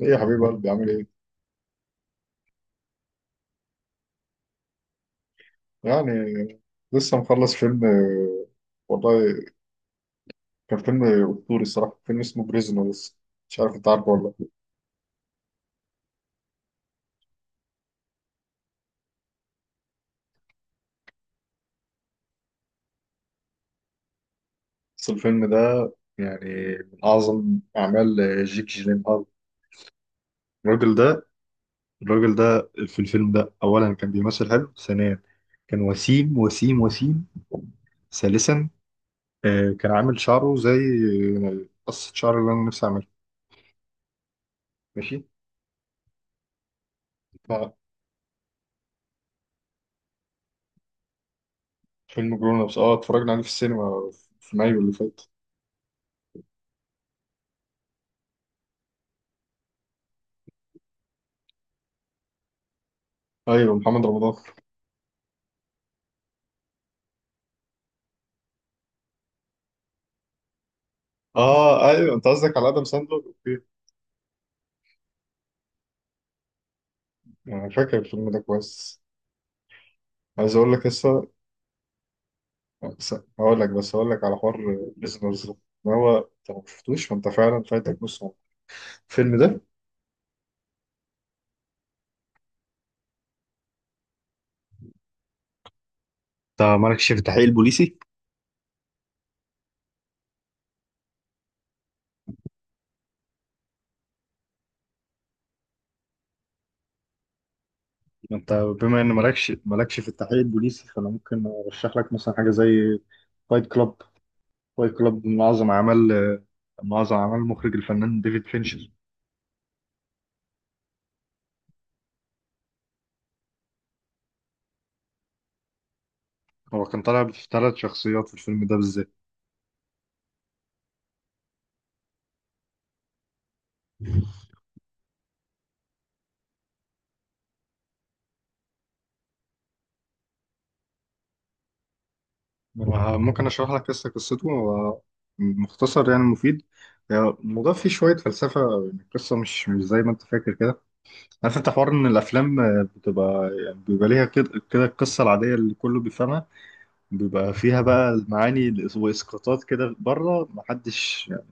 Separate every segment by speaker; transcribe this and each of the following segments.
Speaker 1: ايه يا حبيب قلبي عامل ايه؟ يعني لسه مخلص فيلم والله كان فيلم اسطوري الصراحه، فيلم اسمه بريزنرز. مش عارف انت عارفه ولا لا. بس الفيلم ده يعني من اعظم اعمال جيك جيلينهال. الراجل ده الراجل ده في الفيلم ده، اولا كان بيمثل حلو، ثانيا كان وسيم وسيم وسيم، ثالثا كان عامل شعره زي قصة شعر اللي انا نفسي اعملها. ماشي. ف- فيلم جرون ابس، اه اتفرجنا عليه في السينما في مايو اللي فات. ايوه، محمد رمضان. اه ايوه، انت قصدك على ادم ساندلر. اوكي، انا فاكر الفيلم ده كويس. عايز اقول لك لسه. بس- هقول لك بس هقول لك على حوار. بريزنرز ده، إن هو انت لو ما شفتوش فانت فعلا فايتك نص عمرك، الفيلم ده. انت مالكش في التحقيق البوليسي. انت بما ان مالكش في التحقيق البوليسي، فانا ممكن ارشح لك مثلا حاجه زي فايت كلاب. فايت كلاب من اعظم اعمال المخرج الفنان ديفيد فينشر. هو كان طالع بثلاث شخصيات في الفيلم ده بالذات. ممكن اشرح لك قصته هو، مختصر يعني مفيد. يعني الموضوع فيه شويه فلسفه، يعني القصه مش زي ما انت فاكر كده. عارف انت حوار ان الافلام بتبقى يعني بيبقى ليها كده كده القصه العاديه اللي كله بيفهمها، بيبقى فيها بقى المعاني واسقاطات كده بره، محدش يعني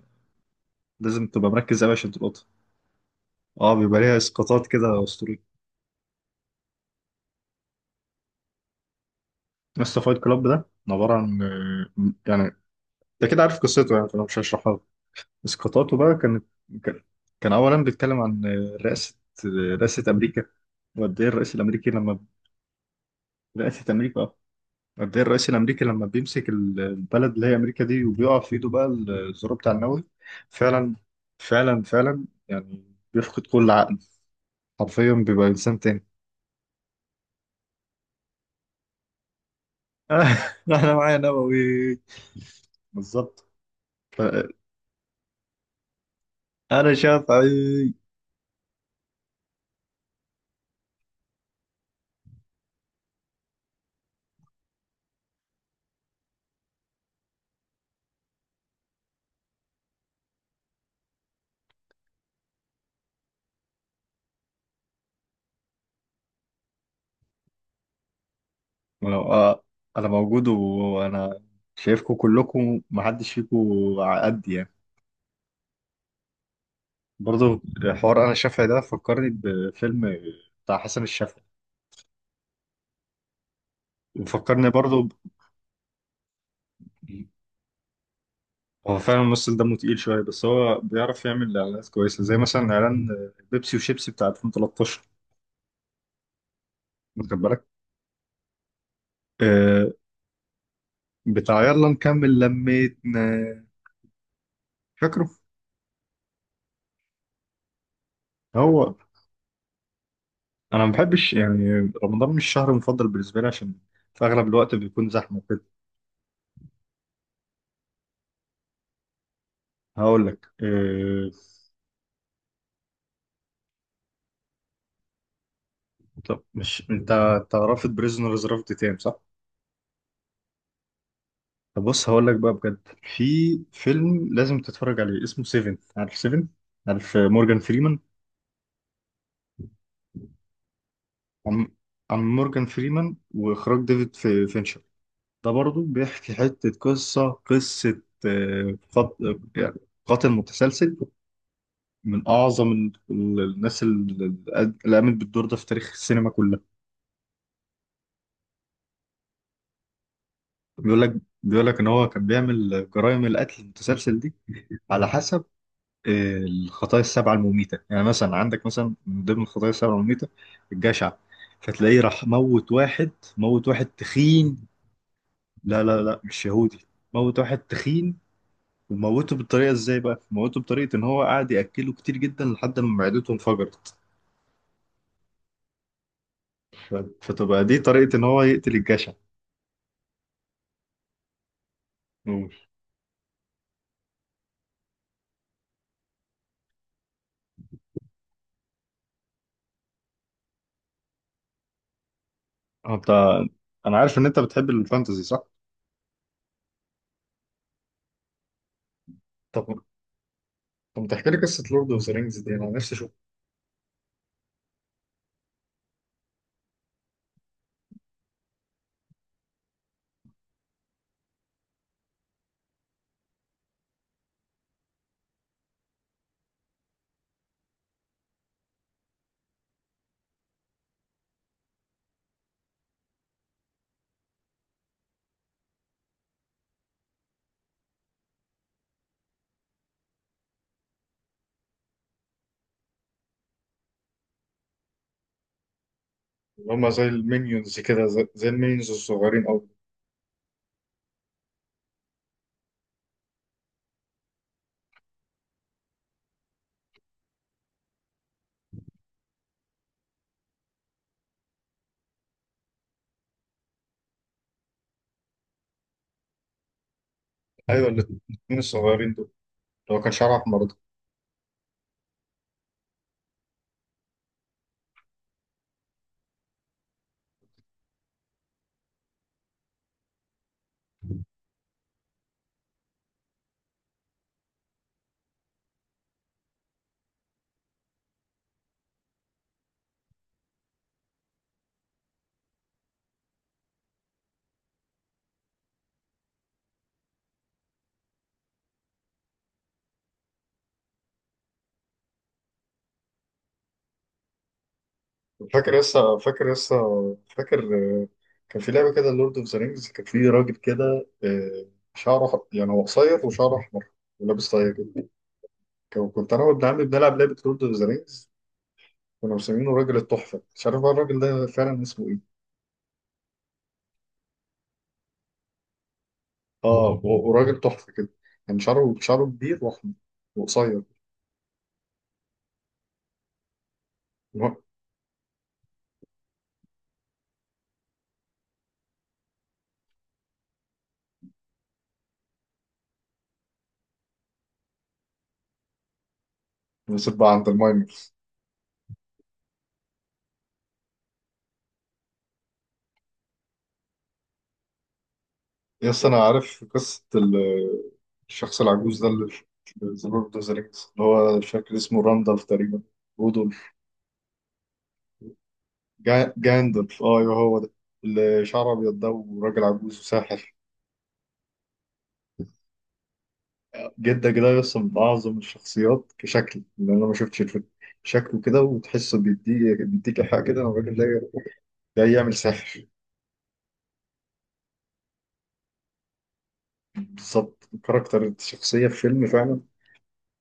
Speaker 1: لازم تبقى مركز قوي عشان تلقطها. اه، بيبقى ليها اسقاطات كده اسطوريه. بس فايت كلاب ده عباره عن، يعني انت كده عارف قصته، يعني فانا مش هشرحها. اسقاطاته بقى كان كان اولا بيتكلم عن رئاسه رئاسه امريكا. وقد ايه الرئيس الامريكي لما رئاسه امريكا، قد ايه الرئيس الامريكي لما بيمسك البلد اللي هي امريكا دي، وبيقع في ايده بقى الزرار بتاع النووي. فعلا، فعلا فعلا يعني بيفقد كل عقل، حرفيا بيبقى انسان تاني. انا معايا نووي. بالظبط. ف- انا شافعي. ولو انا موجود وانا شايفكم كلكم، محدش فيكم على قدي يعني. برضو حوار انا الشافعي ده فكرني بفيلم بتاع حسن الشافعي، وفكرني برضو هو فعلا الممثل دمه تقيل شويه، بس هو بيعرف يعمل اعلانات كويسه، زي مثلا اعلان بيبسي وشيبسي بتاع 2013. واخد بالك؟ آه، بتاع يلا نكمل لميتنا. فاكره؟ هو انا ما بحبش يعني رمضان، مش الشهر المفضل بالنسبه لي، عشان في اغلب الوقت بيكون زحمه كده. هقول لك طب مش انت رافض بريزنرز رفض تام، صح؟ طب بص، هقول لك بقى بجد، في فيلم لازم تتفرج عليه اسمه سيفن. عارف سيفن؟ عارف مورجان فريمان؟ عن عن مورجان فريمان واخراج ديفيد فينشر. ده برضو بيحكي حتة قصة، يعني قاتل متسلسل. من أعظم الناس اللي قامت بالدور ده في تاريخ السينما كلها. بيقول لك بيقول لك إن هو كان بيعمل جرائم القتل المتسلسل دي على حسب الخطايا السبعة المميتة. يعني مثلا عندك، مثلا من ضمن الخطايا السبعة المميتة الجشع، فتلاقيه راح موت واحد. موت واحد تخين. لا لا لا، مش يهودي. موت واحد تخين، وموته بالطريقة ازاي بقى؟ موته بطريقة ان هو قعد يأكله كتير جدا لحد ما معدته انفجرت. ف- فتبقى دي طريقة ان هو يقتل الجشع. أوه. انت انا عارف ان انت بتحب الفانتزي، صح؟ طب، طب، ما تحكي لي قصة لورد اوف ذا رينجز دي، انا نفسي اشوف. اللي هم زي المينيونز كده، زي المينيونز الصغيرين. ايوه، الاثنين الصغيرين دول، اللي هو كان شعره احمر ده. فاكر لسه فاكر لسه فاكر آه، كان في لعبه كده لورد اوف ذا رينجز، كان في راجل كده شعره يعني هو قصير وشعره احمر، ولابس طاقيه كده. كنت انا وابن عمي بنلعب لعبه لورد اوف ذا رينجز، كنا مسمينه راجل التحفه، مش عارف بقى الراجل ده فعلا اسمه ايه. اه، وراجل تحفه كده، كان شعره كبير واحمر وقصير. بس بقى عند الماين، يس انا عارف قصه الشخص العجوز ده اللي في ذا لورد اوف ذا رينجز، اللي هو مش فاكر اسمه، راندالف تقريبا، رودولف، جاندلف. اه ايوه، هو ده، اللي شعره ابيض ده، وراجل عجوز وساحر جدا كده. يس، من اعظم الشخصيات كشكل، لان انا ما شفتش الفيلم، شكله كده وتحسه بيديك ايحاء كده ان الراجل ده جاي يعمل ساحر. بالظبط، كاركتر الشخصية في فيلم فعلا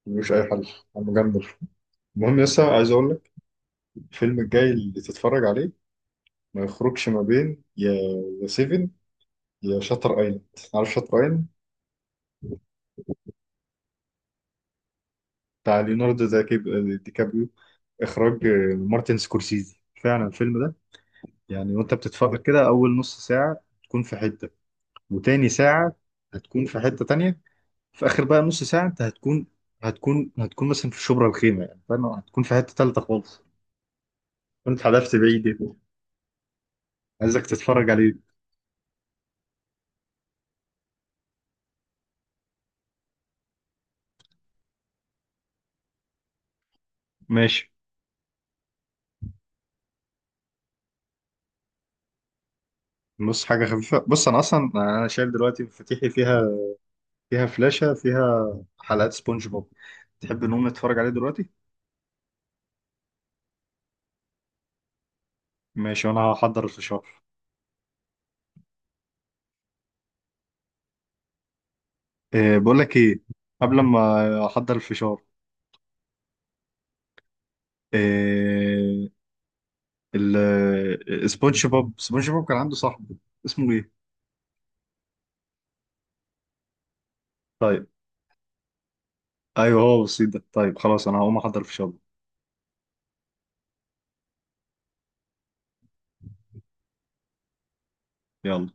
Speaker 1: ملوش أي حل، عم جندلف. المهم يس، عايز أقول لك، الفيلم الجاي اللي تتفرج عليه ما يخرجش ما بين يا سيفن، يا شاتر ايلاند. عارف شاتر ايلاند؟ بتاع ليوناردو دا كيب- آه، دي كابريو، اخراج مارتن سكورسيزي. فعلا الفيلم ده، يعني وانت بتتفرج كده، اول نص ساعه تكون في حته، وتاني ساعه هتكون في حته تانية، في اخر بقى نص ساعه انت هتكون، مثلا في شبرا الخيمه، يعني فاهم، هتكون في حته تالته خالص. كنت حدفت بعيد يعني. عايزك تتفرج عليه. ماشي، بص حاجه خفيفه. بص انا اصلا شايل دلوقتي مفاتيحي، فيها فلاشه فيها حلقات سبونج بوب. تحب نقوم نتفرج عليه دلوقتي؟ ماشي، وانا هحضر الفشار. إيه، بقول لك ايه؟ قبل ما احضر الفشار، إيه ال- سبونج بوب كان عنده صاحب، اسمه ايه؟ طيب، ايوه هو بسيط ده، طيب خلاص انا هقوم احضر الفشار. يلا.